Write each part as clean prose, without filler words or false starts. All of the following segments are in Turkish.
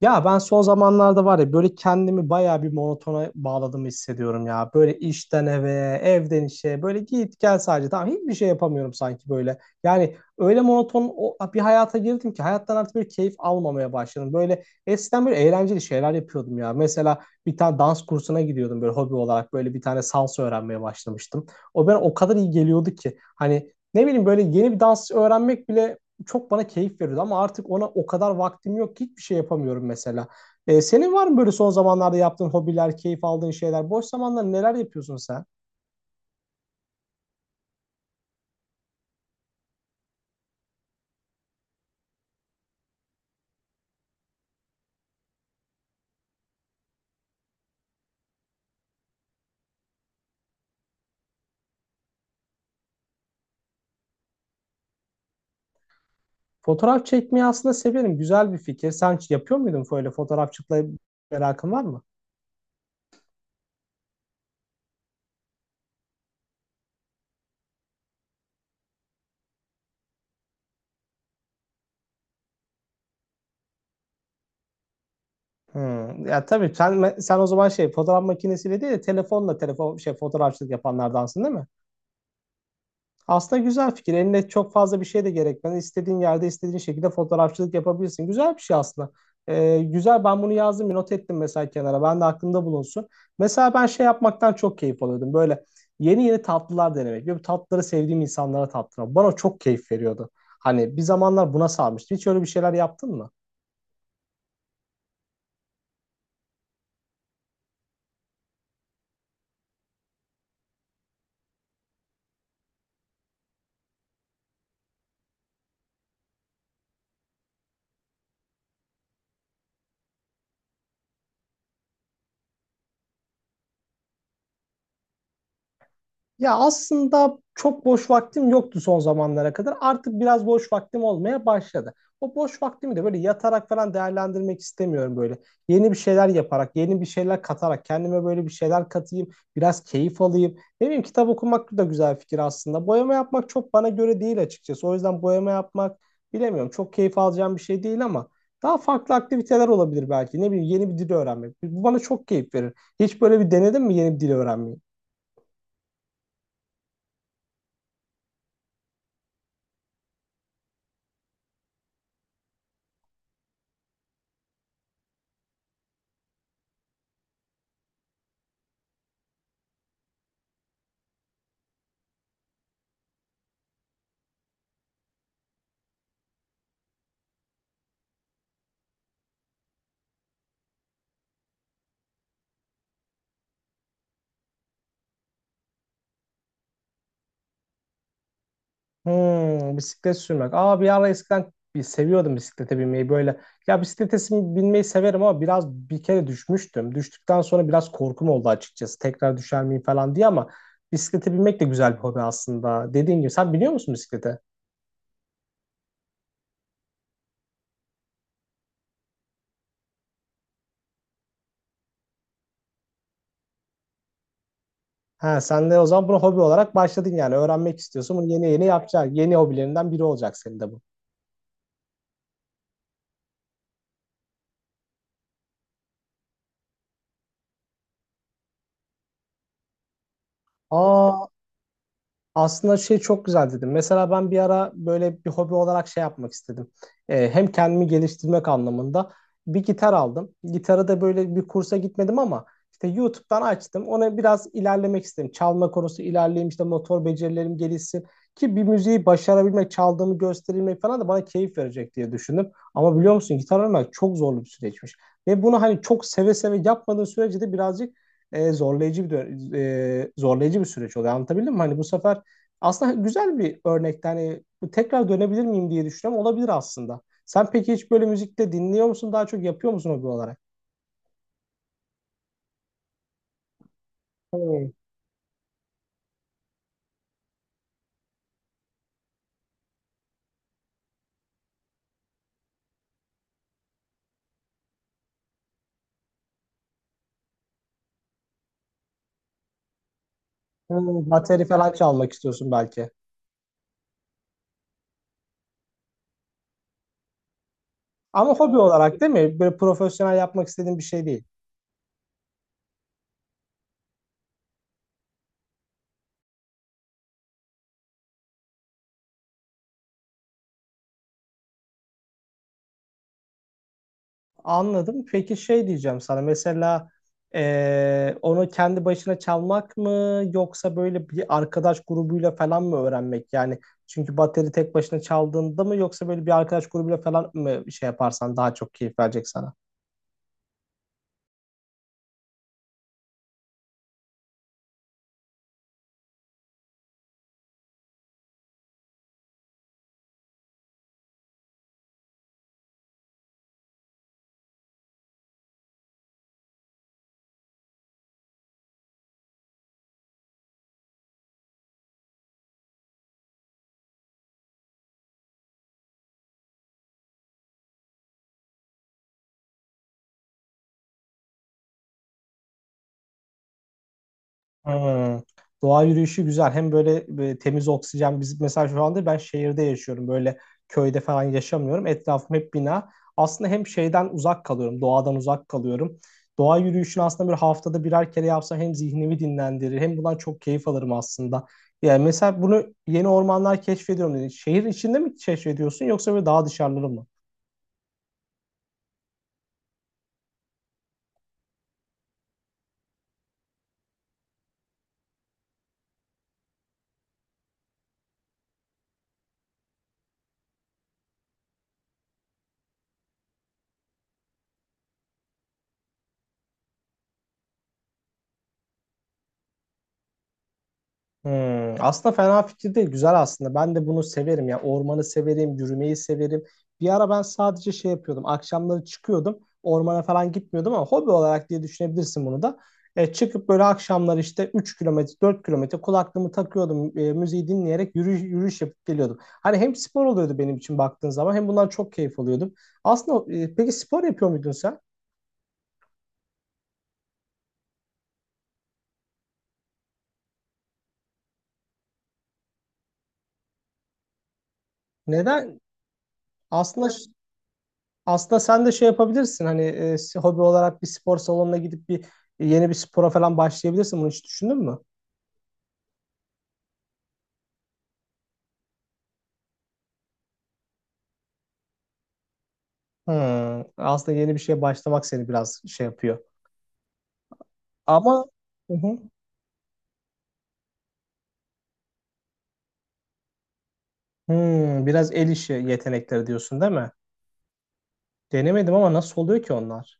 Ya ben son zamanlarda var ya böyle kendimi bayağı bir monotona bağladığımı hissediyorum ya. Böyle işten eve, evden işe böyle git gel sadece. Tamam hiçbir şey yapamıyorum sanki böyle. Yani öyle monoton bir hayata girdim ki hayattan artık böyle keyif almamaya başladım. Böyle eskiden böyle eğlenceli şeyler yapıyordum ya. Mesela bir tane dans kursuna gidiyordum böyle hobi olarak böyle bir tane salsa öğrenmeye başlamıştım. O bana o kadar iyi geliyordu ki hani ne bileyim böyle yeni bir dans öğrenmek bile çok bana keyif veriyordu ama artık ona o kadar vaktim yok ki hiçbir şey yapamıyorum mesela. Senin var mı böyle son zamanlarda yaptığın hobiler, keyif aldığın şeyler? Boş zamanlarda neler yapıyorsun sen? Fotoğraf çekmeyi aslında severim. Güzel bir fikir. Sen hiç yapıyor muydun böyle fotoğrafçılıkla merakın var mı? Hmm. Ya tabii sen o zaman şey fotoğraf makinesiyle değil de telefonla telefon şey fotoğrafçılık yapanlardansın değil mi? Aslında güzel fikir. Eline çok fazla bir şey de gerekmez. İstediğin yerde, istediğin şekilde fotoğrafçılık yapabilirsin. Güzel bir şey aslında. Güzel. Ben bunu yazdım, bir not ettim mesela kenara. Ben de aklımda bulunsun. Mesela ben şey yapmaktan çok keyif alıyordum. Böyle yeni yeni tatlılar denemek. Böyle tatlıları sevdiğim insanlara tattırmak. Bana çok keyif veriyordu. Hani bir zamanlar buna sarmıştım. Hiç öyle bir şeyler yaptın mı? Ya aslında çok boş vaktim yoktu son zamanlara kadar. Artık biraz boş vaktim olmaya başladı. O boş vaktimi de böyle yatarak falan değerlendirmek istemiyorum böyle. Yeni bir şeyler yaparak, yeni bir şeyler katarak, kendime böyle bir şeyler katayım, biraz keyif alayım. Ne bileyim kitap okumak da güzel fikir aslında. Boyama yapmak çok bana göre değil açıkçası. O yüzden boyama yapmak bilemiyorum. Çok keyif alacağım bir şey değil ama daha farklı aktiviteler olabilir belki. Ne bileyim yeni bir dil öğrenmek. Bu bana çok keyif verir. Hiç böyle bir denedin mi yeni bir dil öğrenmeyi? Bisiklet sürmek. Aa, bir ara eskiden bir seviyordum bisiklete binmeyi böyle. Ya bisiklete binmeyi severim ama biraz bir kere düşmüştüm. Düştükten sonra biraz korkum oldu açıkçası. Tekrar düşer miyim falan diye ama bisiklete binmek de güzel bir hobi aslında. Dediğin gibi sen biliyor musun bisiklete? Ha, sen de o zaman bunu hobi olarak başladın yani. Öğrenmek istiyorsun. Bunu yeni yeni yapacaksın. Yeni hobilerinden biri olacak senin de bu. Aa. Aslında şey çok güzel dedim. Mesela ben bir ara böyle bir hobi olarak şey yapmak istedim. Hem kendimi geliştirmek anlamında bir gitar aldım. Gitarı da böyle bir kursa gitmedim ama işte YouTube'dan açtım. Ona biraz ilerlemek istedim. Çalma konusu ilerleyeyim işte motor becerilerim gelişsin. Ki bir müziği başarabilmek, çaldığımı gösterilmek falan da bana keyif verecek diye düşündüm. Ama biliyor musun gitar öğrenmek çok zorlu bir süreçmiş. Ve bunu hani çok seve seve yapmadığın sürece de birazcık e, zorlayıcı bir dö- zorlayıcı bir süreç oluyor. Anlatabildim mi? Hani bu sefer aslında güzel bir örnek. Yani bu tekrar dönebilir miyim diye düşünüyorum. Olabilir aslında. Sen peki hiç böyle müzikte dinliyor musun? Daha çok yapıyor musun hobi olarak? Hmm, hmm. Bateri falan çalmak istiyorsun belki. Ama hobi olarak değil mi? Böyle profesyonel yapmak istediğin bir şey değil. Anladım. Peki şey diyeceğim sana. Mesela onu kendi başına çalmak mı yoksa böyle bir arkadaş grubuyla falan mı öğrenmek? Yani çünkü bateri tek başına çaldığında mı yoksa böyle bir arkadaş grubuyla falan mı şey yaparsan daha çok keyif verecek sana? Hmm. Doğa yürüyüşü güzel. Hem böyle temiz oksijen. Biz mesela şu anda ben şehirde yaşıyorum. Böyle köyde falan yaşamıyorum. Etrafım hep bina. Aslında hem şeyden uzak kalıyorum. Doğadan uzak kalıyorum. Doğa yürüyüşünü aslında bir haftada birer kere yapsam hem zihnimi dinlendirir hem bundan çok keyif alırım aslında. Yani mesela bunu yeni ormanlar keşfediyorum dedin. Şehir içinde mi keşfediyorsun yoksa böyle daha dışarıları mı? Aslında fena fikir değil. Güzel aslında. Ben de bunu severim ya. Ormanı severim, yürümeyi severim. Bir ara ben sadece şey yapıyordum. Akşamları çıkıyordum. Ormana falan gitmiyordum ama hobi olarak diye düşünebilirsin bunu da. Çıkıp böyle akşamları işte 3 km, 4 km kulaklığımı takıyordum. Müziği dinleyerek yürüyüş yapıp geliyordum. Hani hem spor oluyordu benim için baktığın zaman hem bundan çok keyif alıyordum. Aslında peki spor yapıyor muydun sen? Neden? Aslında evet. Aslında sen de şey yapabilirsin hani hobi olarak bir spor salonuna gidip bir yeni bir spora falan başlayabilirsin. Bunu hiç düşündün mü? Aslında yeni bir şeye başlamak seni biraz şey yapıyor. Ama. Hı hı. Biraz el işi yetenekleri diyorsun değil mi? Denemedim ama nasıl oluyor ki onlar?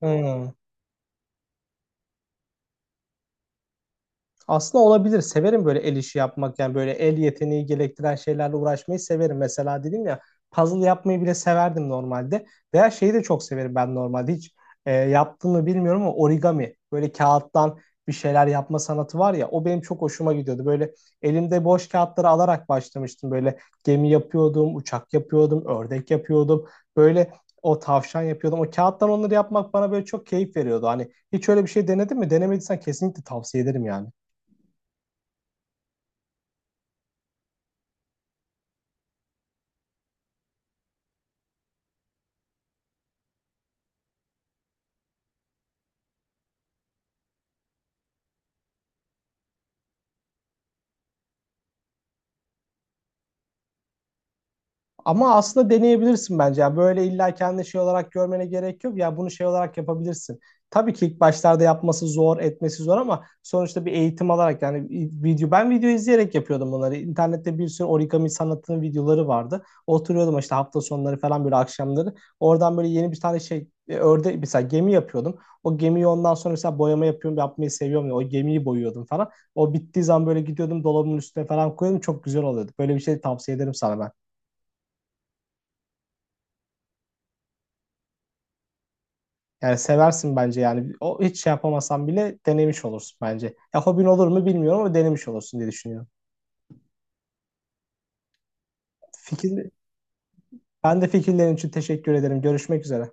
Hmm. Aslında olabilir. Severim böyle el işi yapmak. Yani böyle el yeteneği gerektiren şeylerle uğraşmayı severim. Mesela dedim ya puzzle yapmayı bile severdim normalde. Veya şeyi de çok severim ben normalde. Hiç yaptığımı bilmiyorum ama origami. Böyle kağıttan bir şeyler yapma sanatı var ya. O benim çok hoşuma gidiyordu. Böyle elimde boş kağıtları alarak başlamıştım. Böyle gemi yapıyordum, uçak yapıyordum, ördek yapıyordum. Böyle o tavşan yapıyordum. O kağıttan onları yapmak bana böyle çok keyif veriyordu. Hani hiç öyle bir şey denedin mi? Denemediysen kesinlikle tavsiye ederim yani. Ama aslında deneyebilirsin bence. Yani böyle illa kendi şey olarak görmene gerek yok. Ya bunu şey olarak yapabilirsin. Tabii ki ilk başlarda yapması zor, etmesi zor ama sonuçta bir eğitim alarak yani ben video izleyerek yapıyordum bunları. İnternette bir sürü origami sanatının videoları vardı. Oturuyordum işte hafta sonları falan böyle akşamları. Oradan böyle yeni bir tane şey örde mesela gemi yapıyordum. O gemiyi ondan sonra mesela boyama yapıyorum, yapmayı seviyorum ya. O gemiyi boyuyordum falan. O bittiği zaman böyle gidiyordum dolabımın üstüne falan koyuyordum. Çok güzel oluyordu. Böyle bir şey tavsiye ederim sana ben. Yani seversin bence yani. O hiç şey yapamasan bile denemiş olursun bence. Ya hobin olur mu bilmiyorum ama denemiş olursun diye düşünüyorum. Fikir, Ben de fikirlerin için teşekkür ederim. Görüşmek üzere.